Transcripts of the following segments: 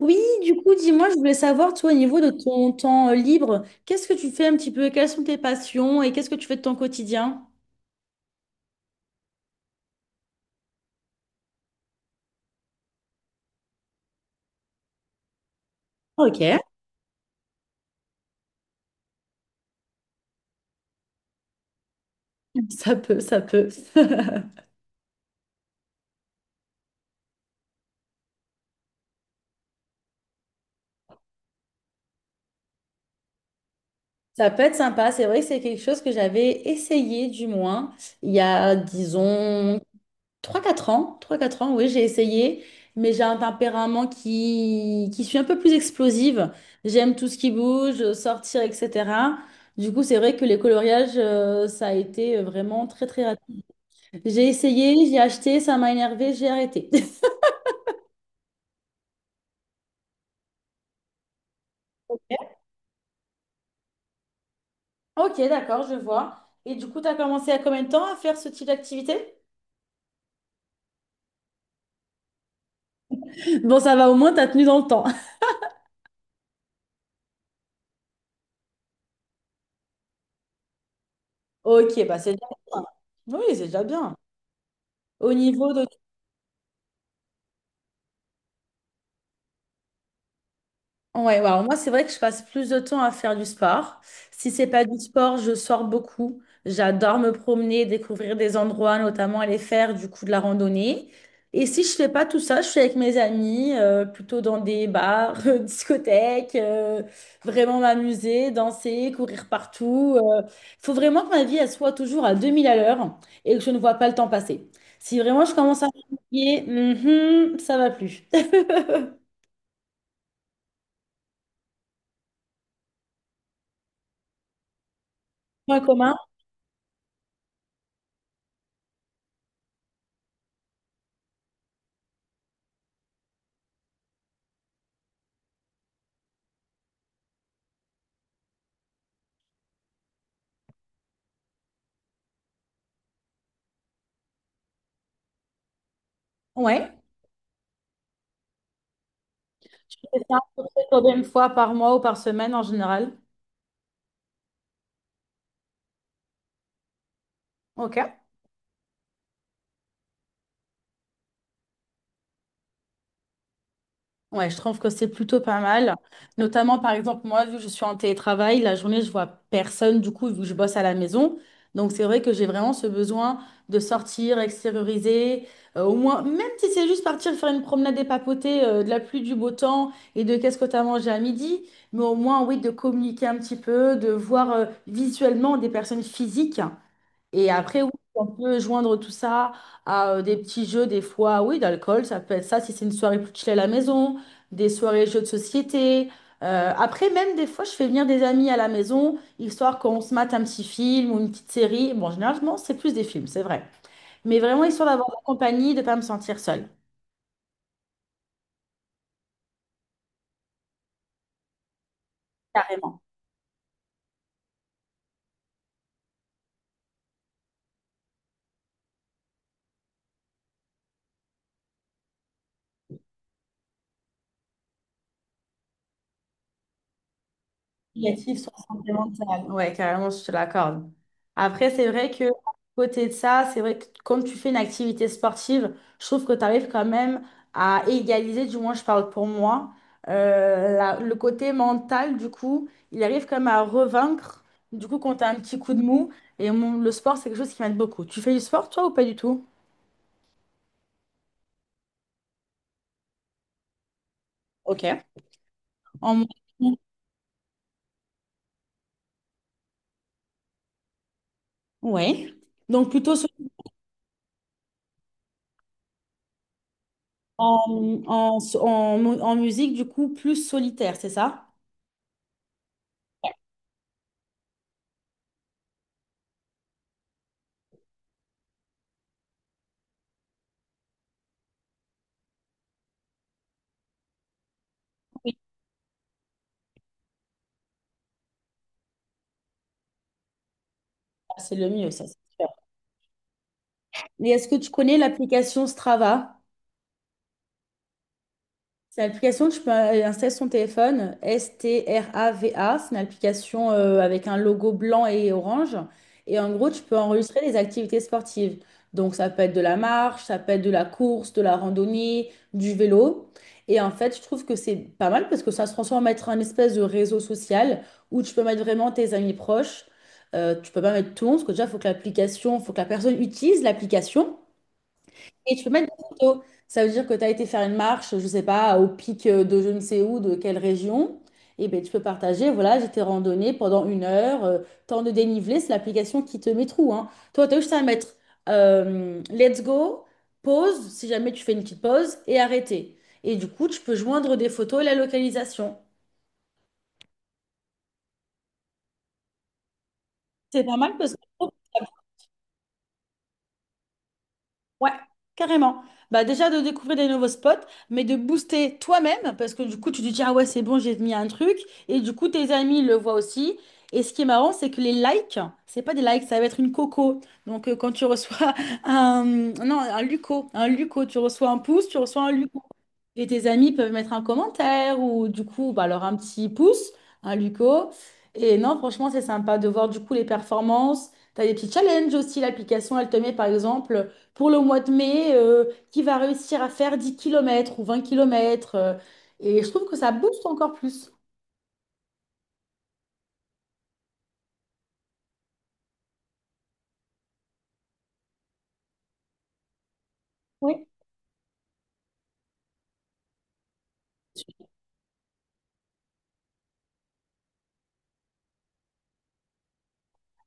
Oui, du coup, dis-moi, je voulais savoir, toi, au niveau de ton temps libre, qu'est-ce que tu fais un petit peu? Quelles sont tes passions et qu'est-ce que tu fais de ton quotidien? Ok, ça peut, ça peut. Ça peut être sympa. C'est vrai que c'est quelque chose que j'avais essayé, du moins, il y a, disons, trois quatre ans, oui, j'ai essayé, mais j'ai un tempérament qui suis un peu plus explosive. J'aime tout ce qui bouge, sortir, etc. Du coup, c'est vrai que les coloriages, ça a été vraiment très, très. J'ai essayé, j'ai acheté, ça m'a énervé, j'ai arrêté. Ok, d'accord, je vois. Et du coup, tu as commencé à combien de temps à faire ce type d'activité? Bon, ça va, au moins, t'as tenu dans le temps. Ok, bah c'est déjà bien. Oui, c'est déjà bien. Au niveau de. Ouais, ouais, alors moi, c'est vrai que je passe plus de temps à faire du sport. Si c'est pas du sport, je sors beaucoup. J'adore me promener, découvrir des endroits, notamment aller faire du coup de la randonnée. Et si je fais pas tout ça, je suis avec mes amis, plutôt dans des bars, discothèques, vraiment m'amuser, danser, courir partout. Il faut vraiment que ma vie, elle soit toujours à 2000 à l'heure et que je ne vois pas le temps passer. Si vraiment je commence à me fatiguer, mhm, ça va plus. Point commun, ouais. Je fais ça à peu près combien de fois par mois ou par semaine en général? Ok. Ouais, je trouve que c'est plutôt pas mal. Notamment, par exemple, moi, vu que je suis en télétravail, la journée, je vois personne, du coup, vu que je bosse à la maison. Donc, c'est vrai que j'ai vraiment ce besoin de sortir, extérioriser, au moins, même si c'est juste partir faire une promenade et papoter, de la pluie, du beau temps et de qu'est-ce que tu as mangé à midi, mais au moins, oui, de communiquer un petit peu, de voir, visuellement des personnes physiques. Et après, oui, on peut joindre tout ça à des petits jeux, des fois, oui, d'alcool, ça peut être ça si c'est une soirée plus chill à la maison, des soirées jeux de société. Après, même des fois, je fais venir des amis à la maison, histoire qu'on se mate un petit film ou une petite série. Bon, généralement, c'est plus des films, c'est vrai. Mais vraiment, histoire d'avoir de la compagnie, de ne pas me sentir seule. Carrément. Négatif sur la santé mentale. Ouais, carrément, je te l'accorde. Après, c'est vrai que, à côté de ça, c'est vrai que comme tu fais une activité sportive, je trouve que tu arrives quand même à égaliser, du moins, je parle pour moi, la- le côté mental, du coup, il arrive quand même à revaincre, du coup, quand tu as un petit coup de mou. Et mon- le sport, c'est quelque chose qui m'aide beaucoup. Tu fais du sport, toi, ou pas du tout? Ok. En. Ouais. Donc, plutôt en musique, du coup, plus solitaire, c'est ça? C'est le mieux, ça, c'est sûr. Mais est-ce que tu connais l'application Strava? C'est une application que tu peux installer sur ton téléphone, Strava. C'est une application avec un logo blanc et orange. Et en gros, tu peux enregistrer des activités sportives. Donc, ça peut être de la marche, ça peut être de la course, de la randonnée, du vélo. Et en fait, je trouve que c'est pas mal parce que ça se transforme en être un espèce de réseau social où tu peux mettre vraiment tes amis proches. Tu peux pas mettre tout le monde parce que déjà, il faut que l'application, faut que la personne utilise l'application. Et tu peux mettre des photos. Ça veut dire que tu as été faire une marche, je ne sais pas, au pic de je ne sais où, de quelle région. Et bien, tu peux partager, voilà, j'étais randonnée pendant une heure, temps de dénivelé, c'est l'application qui te met tout, hein. Toi, tu as juste à mettre let's go, pause, si jamais tu fais une petite pause, et arrêter. Et du coup, tu peux joindre des photos et la localisation. C'est pas mal parce que. Ouais, carrément. Bah déjà de découvrir des nouveaux spots, mais de booster toi-même, parce que du coup, tu te dis, ah ouais, c'est bon, j'ai mis un truc, et du coup, tes amis le voient aussi. Et ce qui est marrant, c'est que les likes, c'est pas des likes, ça va être une coco. Donc, quand tu reçois un, non, un luco, tu reçois un pouce, tu reçois un luco. Et tes amis peuvent mettre un commentaire ou du coup, bah, alors un petit pouce, un Luco. Et non, franchement, c'est sympa de voir du coup les performances. Tu as des petits challenges aussi. L'application, elle te met par exemple pour le mois de mai, qui va réussir à faire 10 kilomètres ou 20 kilomètres. Et je trouve que ça booste encore plus. Oui.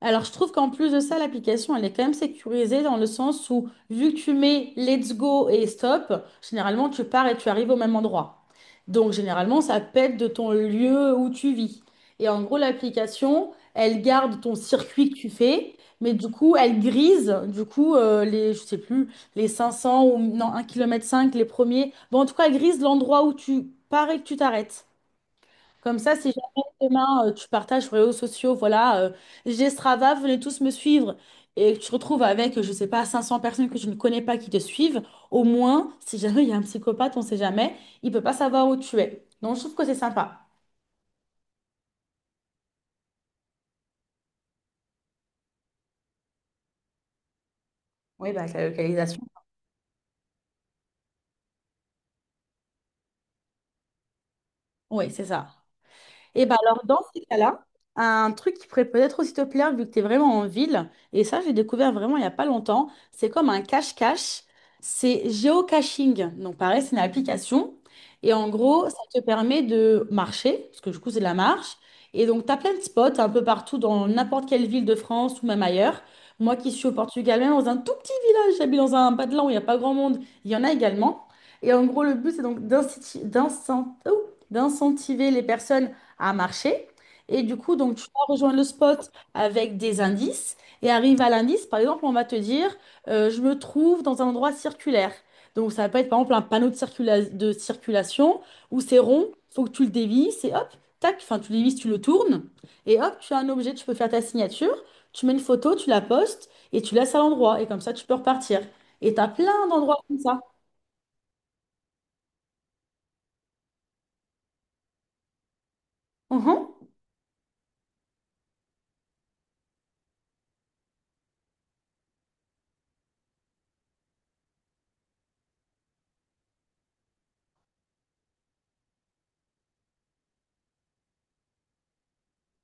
Alors, je trouve qu'en plus de ça, l'application, elle est quand même sécurisée dans le sens où, vu que tu mets let's go et stop, généralement, tu pars et tu arrives au même endroit. Donc, généralement, ça pète de ton lieu où tu vis. Et en gros, l'application, elle garde ton circuit que tu fais, mais du coup, elle grise, du coup, les, je sais plus, les 500 ou non, 1,5 km, les premiers. Bon, en tout cas, elle grise l'endroit où tu pars et que tu t'arrêtes. Comme ça, si jamais demain tu partages sur les réseaux sociaux, voilà, j'ai Strava, venez tous me suivre, et que tu te retrouves avec, je sais pas, 500 personnes que je ne connais pas qui te suivent, au moins, si jamais il y a un psychopathe, on sait jamais, il peut pas savoir où tu es. Donc je trouve que c'est sympa. Oui, bah, avec la localisation. Oui, c'est ça. Et bien alors, dans ces cas-là, un truc qui pourrait peut-être aussi te plaire, vu que tu es vraiment en ville, et ça, j'ai découvert vraiment il n'y a pas longtemps, c'est comme un cache-cache, c'est géocaching. Donc pareil, c'est une application, et en gros, ça te permet de marcher, parce que du coup, c'est de la marche, et donc tu as plein de spots un peu partout dans n'importe quelle ville de France ou même ailleurs. Moi qui suis au Portugal, même dans un tout petit village, j'habite dans un badeland où il n'y a pas grand monde, il y en a également. Et en gros, le but, c'est donc d'incentiver les personnes à marcher. Et du coup, donc, tu vas rejoindre le spot avec des indices et arrive à l'indice. Par exemple, on va te dire, je me trouve dans un endroit circulaire. Donc, ça peut être par exemple un panneau de circulation où c'est rond, faut que tu le dévisses et hop, tac, enfin, tu le dévisses, tu le tournes et hop, tu as un objet, tu peux faire ta signature, tu mets une photo, tu la postes et tu laisses à l'endroit. Et comme ça, tu peux repartir. Et tu as plein d'endroits comme ça. Mhm.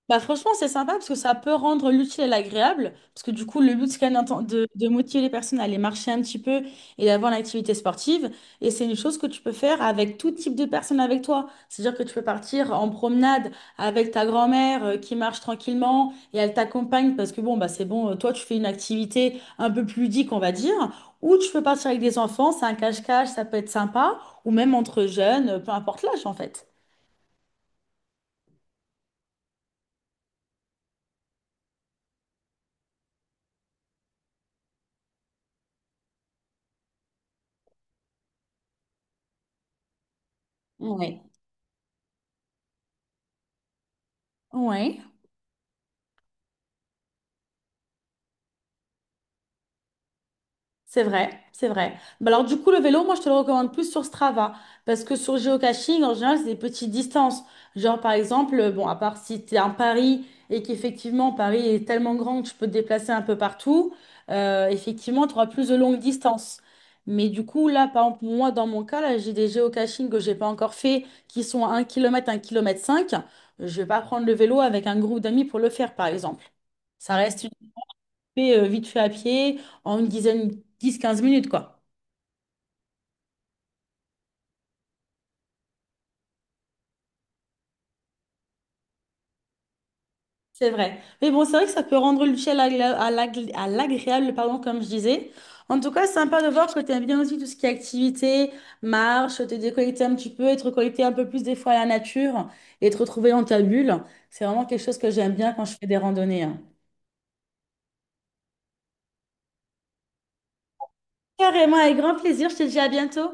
Bah franchement, c'est sympa parce que ça peut rendre l'utile et l'agréable. Parce que du coup, le but, c'est quand même de motiver les personnes à aller marcher un petit peu et d'avoir une activité sportive. Et c'est une chose que tu peux faire avec tout type de personnes avec toi. C'est-à-dire que tu peux partir en promenade avec ta grand-mère qui marche tranquillement et elle t'accompagne parce que bon, bah c'est bon, toi, tu fais une activité un peu plus ludique, on va dire. Ou tu peux partir avec des enfants, c'est un cache-cache, ça peut être sympa. Ou même entre jeunes, peu importe l'âge en fait. Ouais. Ouais. C'est vrai, c'est vrai. Bah alors du coup, le vélo, moi, je te le recommande plus sur Strava, parce que sur géocaching, en général, c'est des petites distances. Genre, par exemple, bon, à part si tu es en Paris et qu'effectivement, Paris est tellement grand que tu peux te déplacer un peu partout, effectivement, tu auras plus de longues distances. Mais du coup, là, par exemple, moi, dans mon cas, là, j'ai des géocachings que j'ai pas encore fait, qui sont à 1 km, 1 km 5. Je vais pas prendre le vélo avec un groupe d'amis pour le faire, par exemple. Ça reste fait vite fait à pied en une dizaine, dix quinze minutes, quoi. C'est vrai. Mais bon, c'est vrai que ça peut rendre l'utile à à l'agréable, pardon, comme je disais. En tout cas, c'est sympa de voir que tu aimes bien aussi tout ce qui est activité, marche, te déconnecter un petit peu, et te reconnecter un peu plus des fois à la nature et te retrouver dans ta bulle. C'est vraiment quelque chose que j'aime bien quand je fais des randonnées, hein. Carrément, avec grand plaisir. Je te dis à bientôt.